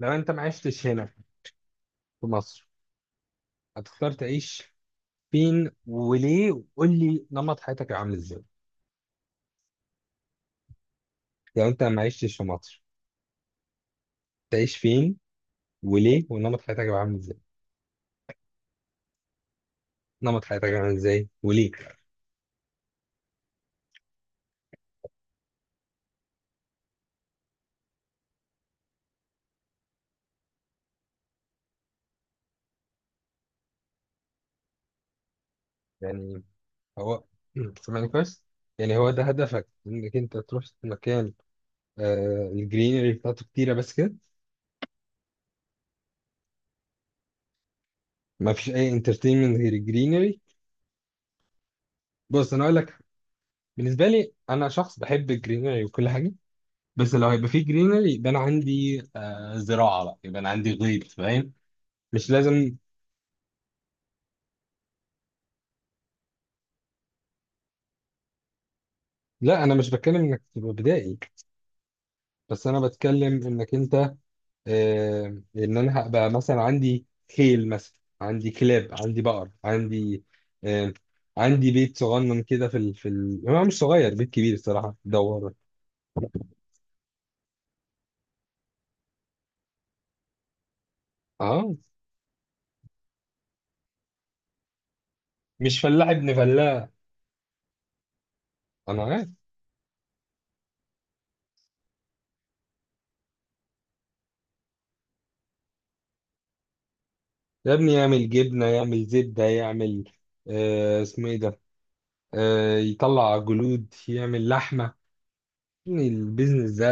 لو انت ما عشتش هنا في مصر، هتختار تعيش فين وليه؟ وقول لي نمط حياتك هيبقى عامل ازاي؟ لو انت ما عشتش في مصر، تعيش فين وليه؟ ونمط حياتك هيبقى عامل ازاي؟ نمط حياتك هيبقى عامل ازاي وليه؟ يعني هو سامعني كويس؟ يعني هو ده هدفك انك انت تروح مكان، الجرينري بتاعته كتيره بس كده؟ ما فيش اي انترتينمنت غير الجرينري؟ بص، انا اقول لك، بالنسبه لي انا شخص بحب الجرينري وكل حاجه، بس لو هيبقى فيه جرينري يبقى انا عندي زراعه بقى، يبقى انا عندي غيط، فاهم؟ مش لازم. لا انا مش بتكلم انك تبقى بدائي، بس انا بتكلم انك انت آه ان انا هبقى مثلا عندي خيل مثلا، عندي كلاب، عندي بقر، عندي آه عندي بيت صغنن كده هو مش صغير، بيت كبير الصراحه، دور. اه، مش فلاح ابن فلاح. انا عارف. يا ابني يعمل جبنه، يعمل زبده، يعمل اسمه ايه ده، يطلع جلود، يعمل لحمة. يعني البيزنس ده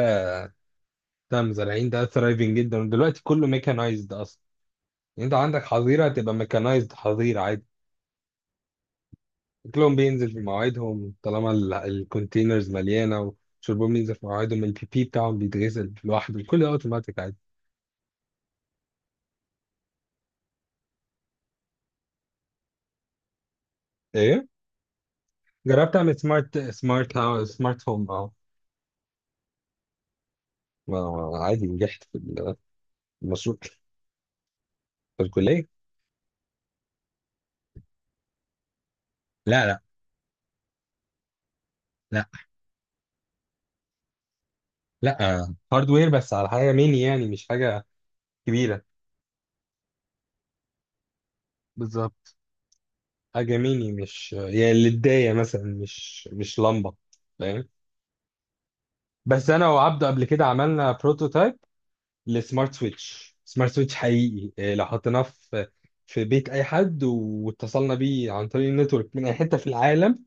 بتاع المزارعين ده ثرايفنج جدا، ودلوقتي كله ميكانايزد أصلا. يعني أنت عندك حظيرة، هتبقى ميكانايزد حظيرة عادي. أكلهم بينزل في مواعيدهم طالما ال- الكونتينرز مليانة، وشربهم بينزل في مواعيدهم، البي بي بتاعهم بيتغسل لوحده، كل ده أوتوماتيك عادي. إيه؟ جربت أعمل سمارت هاوس، سمارت هوم. أه. عادي، نجحت في المشروع. في الكلية. لا. لا. لا. لا. هاردوير بس على حاجة ميني، يعني مش حاجة كبيرة. بالظبط. حاجة ميني، مش يعني للداية مثلا، مش لمبة، فاهم؟ بس أنا وعبده قبل كده عملنا بروتوتايب لسمارت سويتش، سمارت سويتش حقيقي، إيه، لو حطيناه في بيت أي حد، واتصلنا بيه عن طريق النتورك من أي حتة في العالم،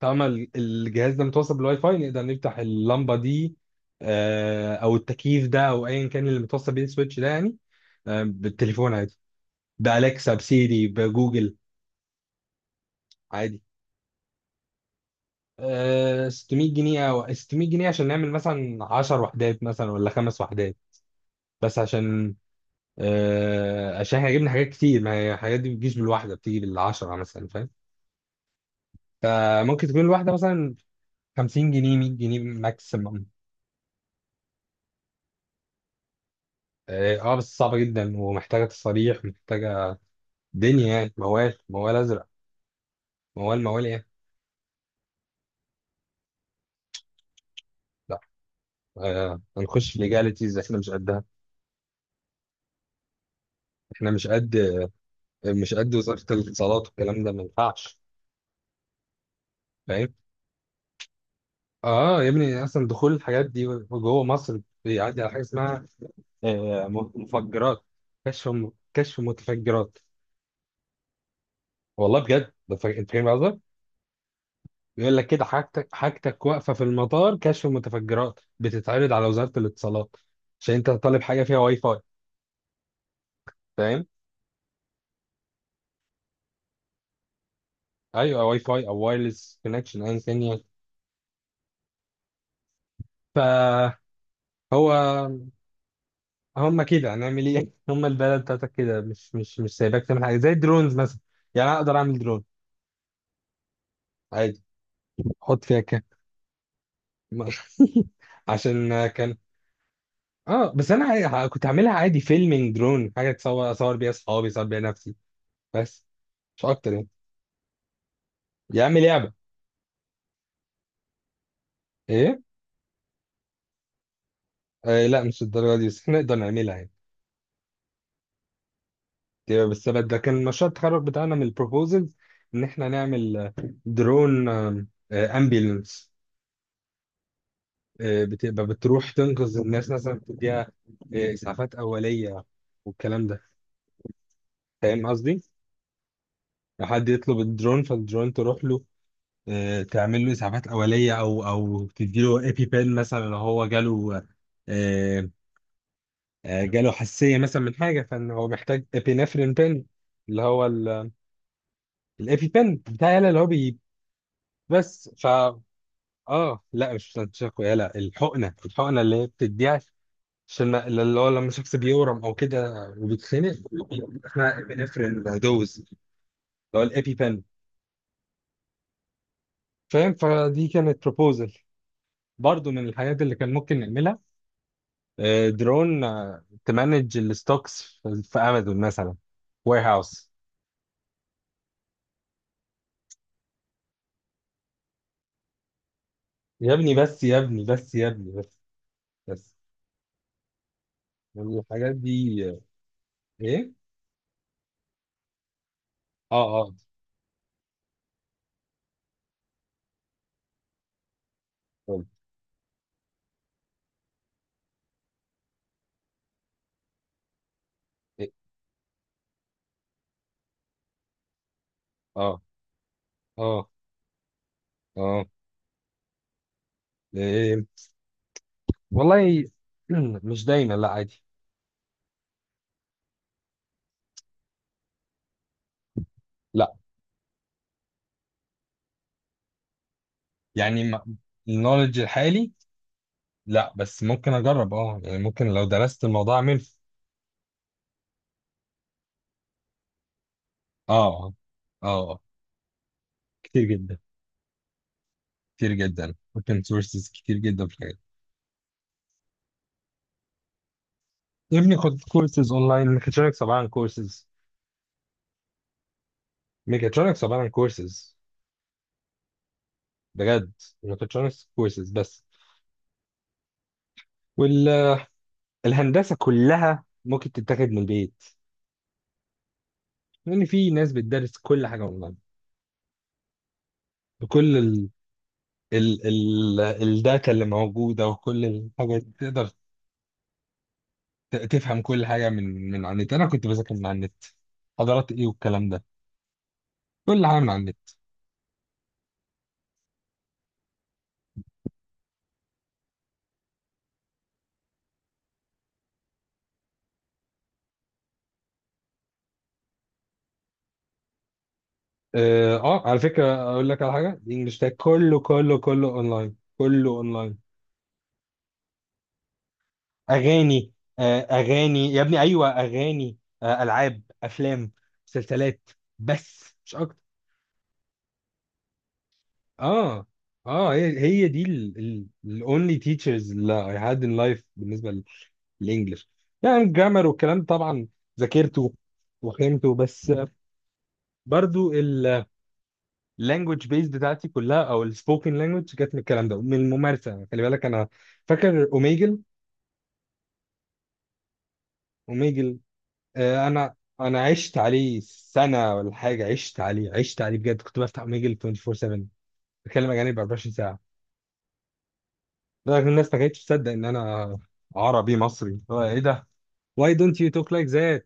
طالما ال- الجهاز ده متوصل بالواي فاي، نقدر نفتح اللمبة دي، أو التكييف ده، أو أيا كان اللي متوصل بيه السويتش ده يعني، بالتليفون عادي، بأليكسا، بسيري، بجوجل عادي. 600 جنيه او 600 جنيه عشان نعمل مثلا 10 وحدات، مثلا ولا 5 وحدات، بس عشان احنا جبنا حاجات كتير، ما هي الحاجات دي بتجيش بالواحده، بتيجي بالعشره مثلا، فاهم؟ فممكن تكون الواحده مثلا 50 جنيه، 100 جنيه ماكسيمم. اه بس صعبه جدا، ومحتاجه تصاريح، محتاجه دنيا يعني، موال موال ازرق، موال موال ايه. لا، هنخش في ليجاليتيز، احنا مش قدها. احنا مش قد. وزاره الاتصالات والكلام ده ما ينفعش. فاهم. اه يا ابني، اصلا دخول الحاجات دي جوه مصر بيعدي على حاجه اسمها آه، مفجرات، كشف كشف متفجرات. والله بجد ده، انت فاهم قصدي؟ بيقول لك كده، حاجتك واقفه في المطار، كشف متفجرات بتتعرض على وزاره الاتصالات عشان انت طالب حاجه فيها واي فاي، فاهم؟ ايوه، واي فاي او وايرلس كونكشن ايا كان يعني. فهو، هم كده هنعمل ايه؟ هم البلد بتاعتك كده مش سايباك تعمل حاجه زي الدرونز مثلا. يعني أنا اقدر اعمل درون عادي، احط فيها ما- عشان كان، اه بس انا كنت عاملها عادي فيلمينج درون، حاجه تصور، اصور بيها اصحابي، اصور بيها نفسي، بس مش اكتر يعني. يا عم لعبه. ايه؟ لا، مش الدرجه دي، بس احنا نقدر نعملها يعني. ده كان مشروع التخرج بتاعنا من البروبوزلز، ان احنا نعمل درون امبيلنس، بتبقى بتروح تنقذ الناس مثلا، بتديها اسعافات اوليه والكلام ده. فاهم قصدي؟ لو حد يطلب الدرون فالدرون تروح له، تعمل له اسعافات اوليه، او تدي له ايبي بين مثلا، لو هو جاله آه، جاله حساسيه مثلا من حاجه، فان هو محتاج ابينفرين بين، اللي هو الايبي بين بتاع يلا، اللي هو بي. بس اه، لا، مش يلا، الحقنه اللي هي بتديها، عشان اللي هو لما شخص بيورم او كده وبيتخنق، احنا ابينفرين دوز، اللي هو الايبي بين، فاهم؟ فدي كانت بروبوزل، برضه من الحاجات اللي كان ممكن نعملها، درون تمانج الستوكس في امازون مثلا، وير هاوس. يا ابني بس، يا ابني بس، يا ابني بس، بس الحاجات دي، ايه. اه، اه، اتفضل. إيه؟ اه، اه، اه. إيه؟ والله مش دايما، لا عادي. لا يعني، النولج الحالي. لا بس ممكن اجرب، اه يعني ممكن لو درست الموضوع اعمل. اه، اه، آه، كتير جدا. كتير جدا، ممكن سورسز كتير جدا في الحاجات. يا ابني خد كورسز اونلاين، ميكاترونكس عباره عن كورسز، ميكاترونكس عباره عن كورسز، بجد ميكاترونكس كورسز بس. والهندسه كلها ممكن تتاخد من البيت، لان في ناس بتدرس كل حاجه اونلاين، بكل ال ال ال الداتا اللي موجوده، وكل الحاجات تقدر تفهم كل حاجه من على النت. انا كنت بذاكر من على النت حضارات ايه والكلام ده، كل حاجه من على النت. اه، على فكره اقول لك على حاجه، الانجليش ده كله كله كله اونلاين، كله اونلاين. اغاني. اغاني يا ابني، ايوه اغاني. العاب، افلام، مسلسلات، بس مش اكتر. اه، اه، هي دي الاونلي تيتشرز اللي اي هاد ان لايف بالنسبه للانجلش، يعني الجرامر والكلام طبعا ذاكرته وفهمته. بس برضو، اللانجوج بيز بتاعتي كلها او السبوكن لانجوج جت من الكلام ده، من الممارسه. خلي بالك انا فاكر اوميجل. اوميجل، انا عشت عليه سنه ولا حاجه، عشت عليه، عشت عليه بجد. كنت بفتح ميجل 24/7، بتكلم اجانب 24 ساعه، لكن الناس ما كانتش تصدق ان انا عربي مصري. هو ايه ده؟ Why don't you talk like that?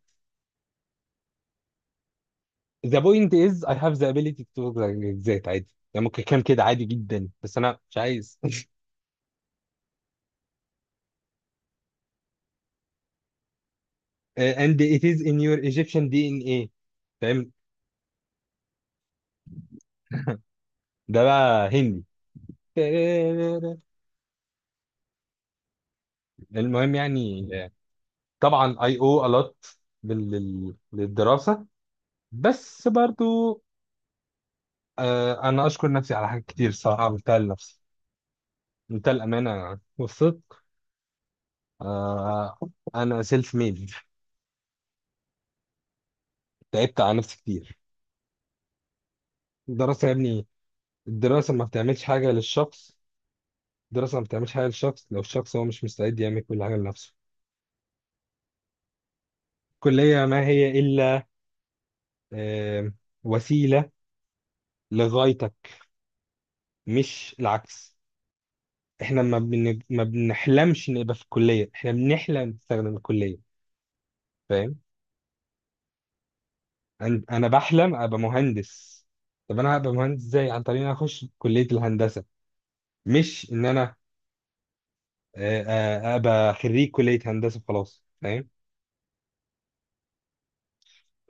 The point is I have the ability to talk like that. عادي يعني، ممكن كان كده عادي جدا، بس انا مش عايز. And it is in your Egyptian DNA. فاهم. ده بقى هندي. المهم يعني، طبعا I owe a lot للدراسه، بس برضو، انا اشكر نفسي على حاجات كتير الصراحه، عملتها لنفسي، عملتها الامانه والصدق. آه انا سيلف ميد، تعبت على نفسي كتير. الدراسه يا ابني، الدراسه ما بتعملش حاجه للشخص، الدراسه ما بتعملش حاجه للشخص لو الشخص هو مش مستعد يعمل كل حاجه لنفسه. الكليه ما هي الا آه وسيله لغايتك، مش العكس. احنا ما بنحلمش نبقى في الكليه، احنا بنحلم نستخدم الكليه، فاهم؟ انا بحلم ابقى مهندس. طب انا هبقى مهندس ازاي؟ عن طريق ان أنا اخش كليه الهندسه، مش ان انا ابقى خريج كليه هندسه خلاص، فاهم؟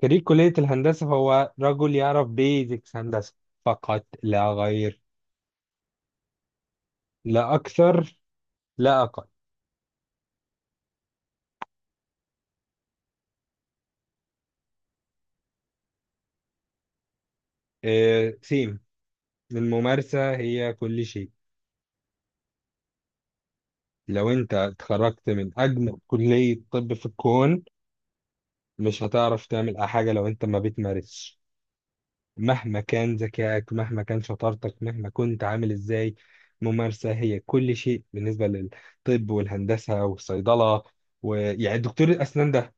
خريج كليه الهندسه هو رجل يعرف بيزكس هندسه، فقط لا غير، لا اكثر، لا اقل. سيم. الممارسه هي كل شيء. لو انت اتخرجت من اجمل كليه طب في الكون، مش هتعرف تعمل اي حاجه لو انت ما بتمارسش، مهما كان ذكائك، مهما كان شطارتك، مهما كنت عامل ازاي. ممارسة هي كل شيء بالنسبة للطب والهندسة والصيدلة. ويعني دكتور الأسنان ده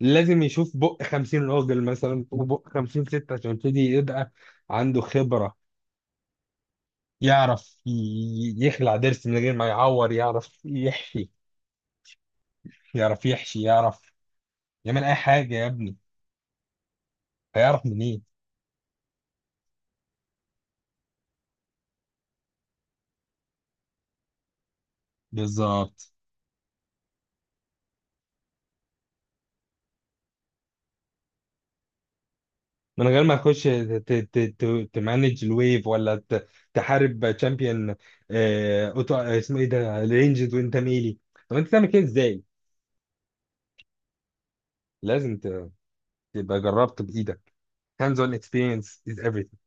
لازم يشوف بق 50 راجل مثلا، وبق 50 ست، عشان يبتدي يبقى عنده خبرة. يعرف يخلع ضرس من غير ما يعور، يعرف يحشي، يعرف يعمل أي حاجة، يا ابني هيعرف منين؟ بالظبط. من غير ما تخش تمانج الويف، ولا تحارب تشامبيون، اوتو، اسمه ايه ده، رينجز وانت ميلي. طب انت تعمل كده ازاي؟ لازم تبقى جربت بايدك. Hands on experience is everything.